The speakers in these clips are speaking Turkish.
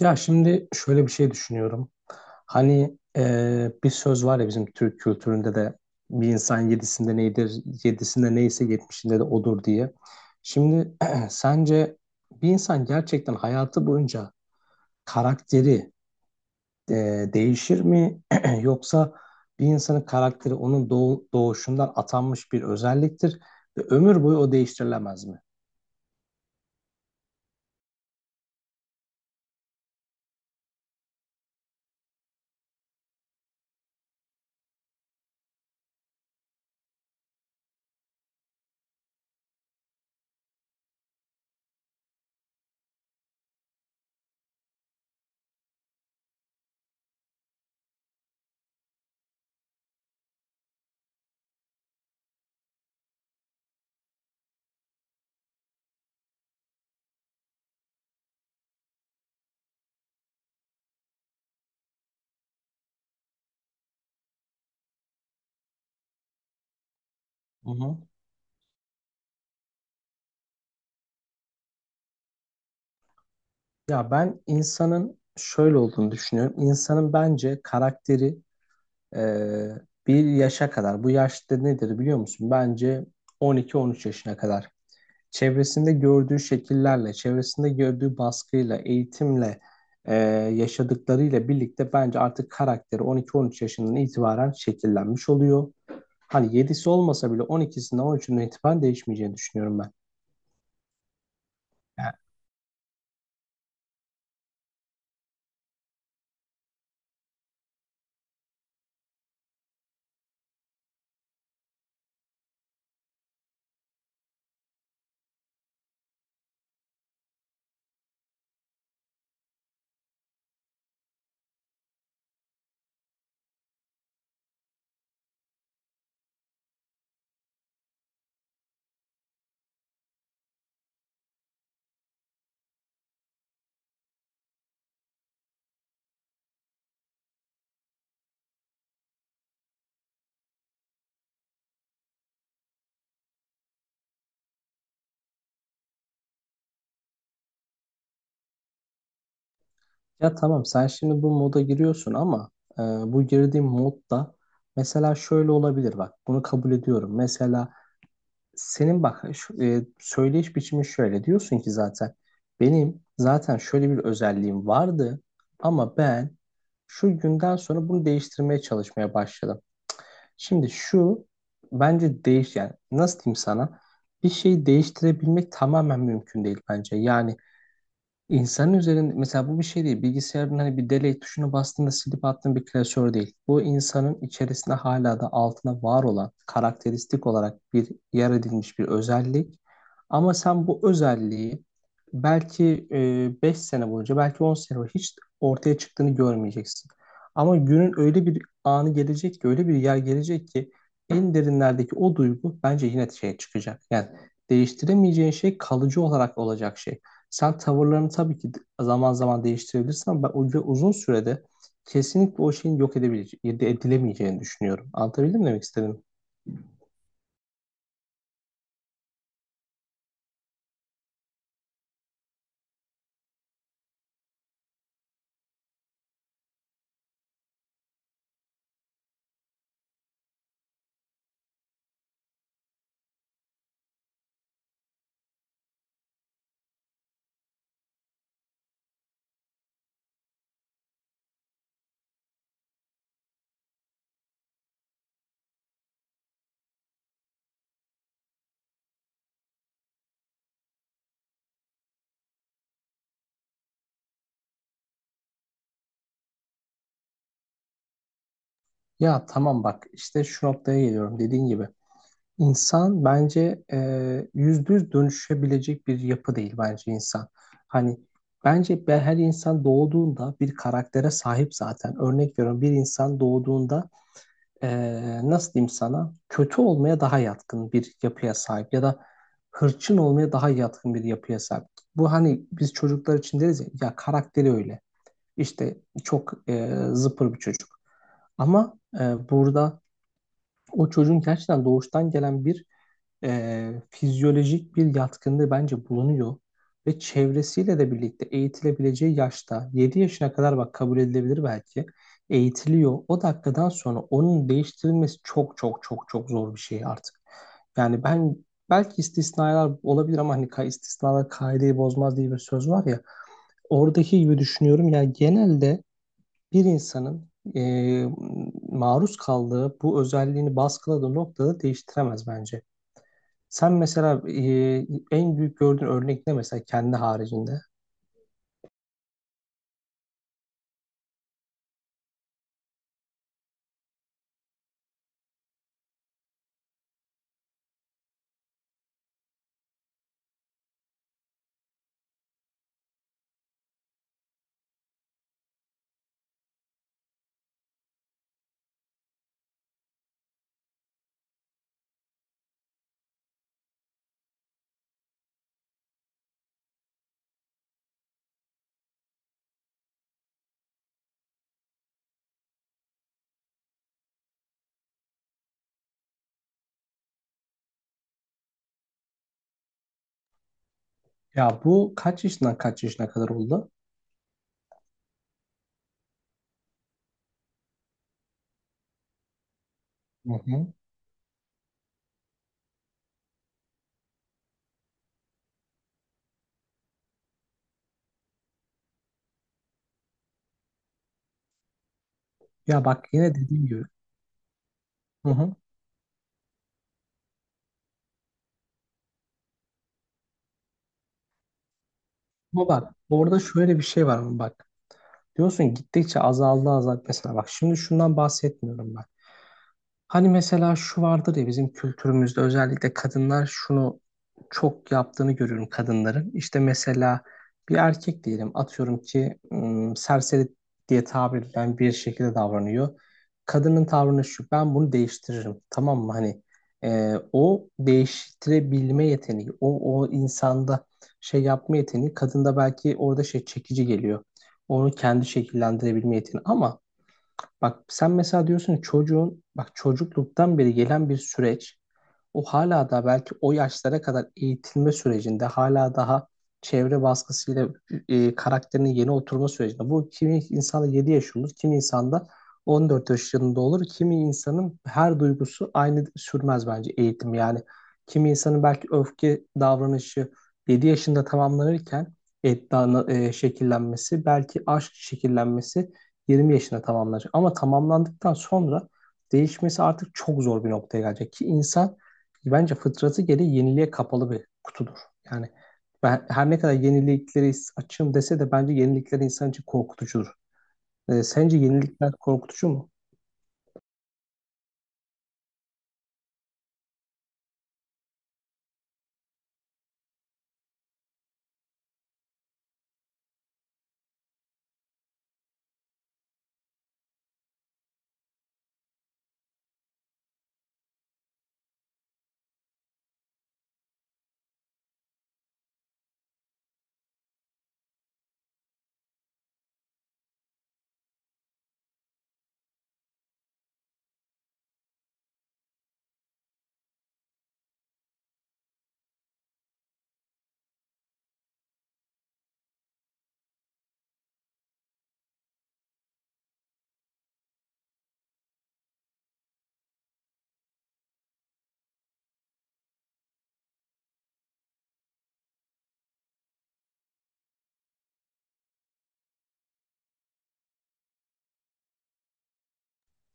Ya şimdi şöyle bir şey düşünüyorum. Hani bir söz var ya bizim Türk kültüründe de bir insan yedisinde neydir, yedisinde neyse yetmişinde de odur diye. Şimdi sence bir insan gerçekten hayatı boyunca karakteri e, değişir mi? Yoksa bir insanın karakteri onun doğuşundan atanmış bir özelliktir ve ömür boyu o değiştirilemez mi? Hı hı. Ya ben insanın şöyle olduğunu düşünüyorum. İnsanın bence karakteri Ee, bir yaşa kadar. Bu yaşta nedir biliyor musun? Bence 12-13 yaşına kadar. Çevresinde gördüğü şekillerle, çevresinde gördüğü baskıyla, eğitimle, e, yaşadıklarıyla birlikte bence artık karakteri 12-13 yaşından itibaren şekillenmiş oluyor. Hani 7'si olmasa bile 12'sinden 13'ünden itibaren değişmeyeceğini düşünüyorum ben. Yani. Ya tamam sen şimdi bu moda giriyorsun ama bu girdiğin modda mesela şöyle olabilir bak bunu kabul ediyorum. Mesela senin bak şu, söyleyiş biçimi şöyle diyorsun ki zaten benim zaten şöyle bir özelliğim vardı ama ben şu günden sonra bunu değiştirmeye çalışmaya başladım. Şimdi şu bence değiş yani nasıl diyeyim sana bir şeyi değiştirebilmek tamamen mümkün değil bence. Yani. İnsanın üzerinde mesela bu bir şey değil. Bilgisayarın hani bir delete tuşuna bastığında silip attığın bir klasör değil. Bu insanın içerisinde hala da altına var olan karakteristik olarak bir yer edilmiş bir özellik. Ama sen bu özelliği belki 5 sene boyunca belki 10 sene boyunca hiç ortaya çıktığını görmeyeceksin. Ama günün öyle bir anı gelecek ki öyle bir yer gelecek ki en derinlerdeki o duygu bence yine şeye çıkacak. Yani değiştiremeyeceğin şey kalıcı olarak olacak şey. Sen tavırlarını tabii ki zaman zaman değiştirebilirsin ama ben o ve uzun sürede kesinlikle o şeyin yok edebileceği, edilemeyeceğini düşünüyorum. Anlatabildim mi demek istedim? Ya tamam bak işte şu noktaya geliyorum dediğin gibi. İnsan bence %100 dönüşebilecek bir yapı değil bence insan. Hani bence her insan doğduğunda bir karaktere sahip zaten. Örnek veriyorum bir insan doğduğunda nasıl diyeyim sana kötü olmaya daha yatkın bir yapıya sahip ya da hırçın olmaya daha yatkın bir yapıya sahip. Bu hani biz çocuklar için deriz ya, ya karakteri öyle. İşte çok zıpır bir çocuk. Ama burada o çocuğun gerçekten doğuştan gelen bir fizyolojik bir yatkınlığı bence bulunuyor ve çevresiyle de birlikte eğitilebileceği yaşta 7 yaşına kadar bak kabul edilebilir belki eğitiliyor. O dakikadan sonra onun değiştirilmesi çok çok çok çok zor bir şey artık. Yani ben belki istisnalar olabilir ama hani istisnalar kaideyi bozmaz diye bir söz var ya. Oradaki gibi düşünüyorum. Yani genelde bir insanın e, maruz kaldığı bu özelliğini baskıladığı noktada değiştiremez bence. Sen mesela en büyük gördüğün örnek ne mesela kendi haricinde? Ya bu kaç yaşından kaç yaşına kadar oldu? Hı hı. Ya bak yine dediğim gibi. Hı hı. Ama bak orada şöyle bir şey var ama bak. Diyorsun gittikçe azaldı azaldı. Mesela bak şimdi şundan bahsetmiyorum ben. Hani mesela şu vardır ya bizim kültürümüzde özellikle kadınlar şunu çok yaptığını görüyorum kadınların. İşte mesela bir erkek diyelim atıyorum ki serseri diye tabir edilen bir şekilde davranıyor. Kadının tavrını şu ben bunu değiştiririm tamam mı? Hani o değiştirebilme yeteneği o insanda şey yapma yeteneği kadında belki orada şey çekici geliyor. Onu kendi şekillendirebilme yeteneği ama bak sen mesela diyorsun ki çocuğun bak çocukluktan beri gelen bir süreç o hala da belki o yaşlara kadar eğitilme sürecinde hala daha çevre baskısıyla karakterinin yeni oturma sürecinde. Bu kimi insanda 7 yaş olur, kimi insanda 14 yaşında olur. Kimi insanın her duygusu aynı sürmez bence eğitim. Yani kimi insanın belki öfke davranışı 7 yaşında tamamlanırken şekillenmesi, belki aşk şekillenmesi 20 yaşında tamamlanacak. Ama tamamlandıktan sonra değişmesi artık çok zor bir noktaya gelecek ki insan bence fıtratı gereği yeniliğe kapalı bir kutudur. Yani ben her ne kadar yeniliklere açığım dese de bence yenilikler insan için korkutucudur. Sence yenilikler korkutucu mu?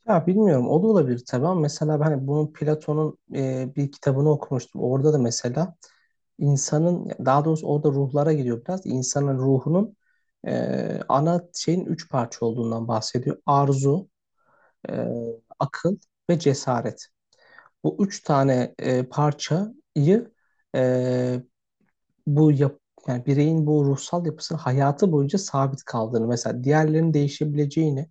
Ya bilmiyorum o da olabilir tabii ama mesela ben bunun Platon'un bir kitabını okumuştum. Orada da mesela insanın daha doğrusu orada ruhlara gidiyor biraz. İnsanın ruhunun ana şeyin 3 parça olduğundan bahsediyor. Arzu, e, akıl ve cesaret. Bu üç tane parçayı e, bu yap yani bireyin bu ruhsal yapısının hayatı boyunca sabit kaldığını mesela diğerlerinin değişebileceğini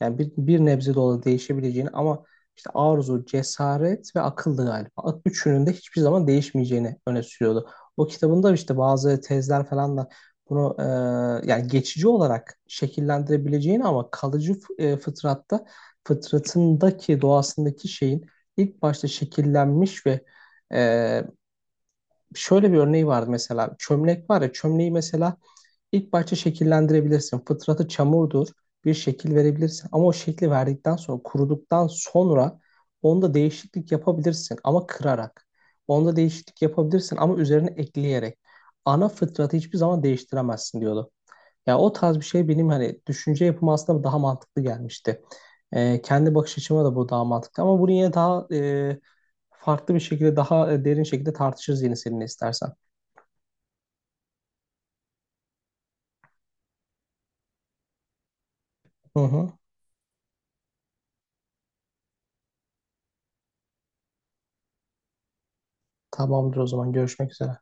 yani bir nebze de olsa değişebileceğini ama işte arzu, cesaret ve akıllı galiba. Üçünün de hiçbir zaman değişmeyeceğini öne sürüyordu. O kitabında işte bazı tezler falan da bunu yani geçici olarak şekillendirebileceğini ama kalıcı fıtratta fıtratındaki doğasındaki şeyin ilk başta şekillenmiş ve e, şöyle bir örneği vardı mesela. Çömlek var ya çömleği mesela ilk başta şekillendirebilirsin. Fıtratı çamurdur. Bir şekil verebilirsin. Ama o şekli verdikten sonra kuruduktan sonra onda değişiklik yapabilirsin ama kırarak. Onda değişiklik yapabilirsin ama üzerine ekleyerek. Ana fıtratı hiçbir zaman değiştiremezsin diyordu. Ya o tarz bir şey benim hani düşünce yapımı aslında daha mantıklı gelmişti. Kendi bakış açıma da bu daha mantıklı ama bunu yine daha farklı bir şekilde daha derin şekilde tartışırız yine seninle istersen. Hı hı. Tamamdır o zaman görüşmek üzere.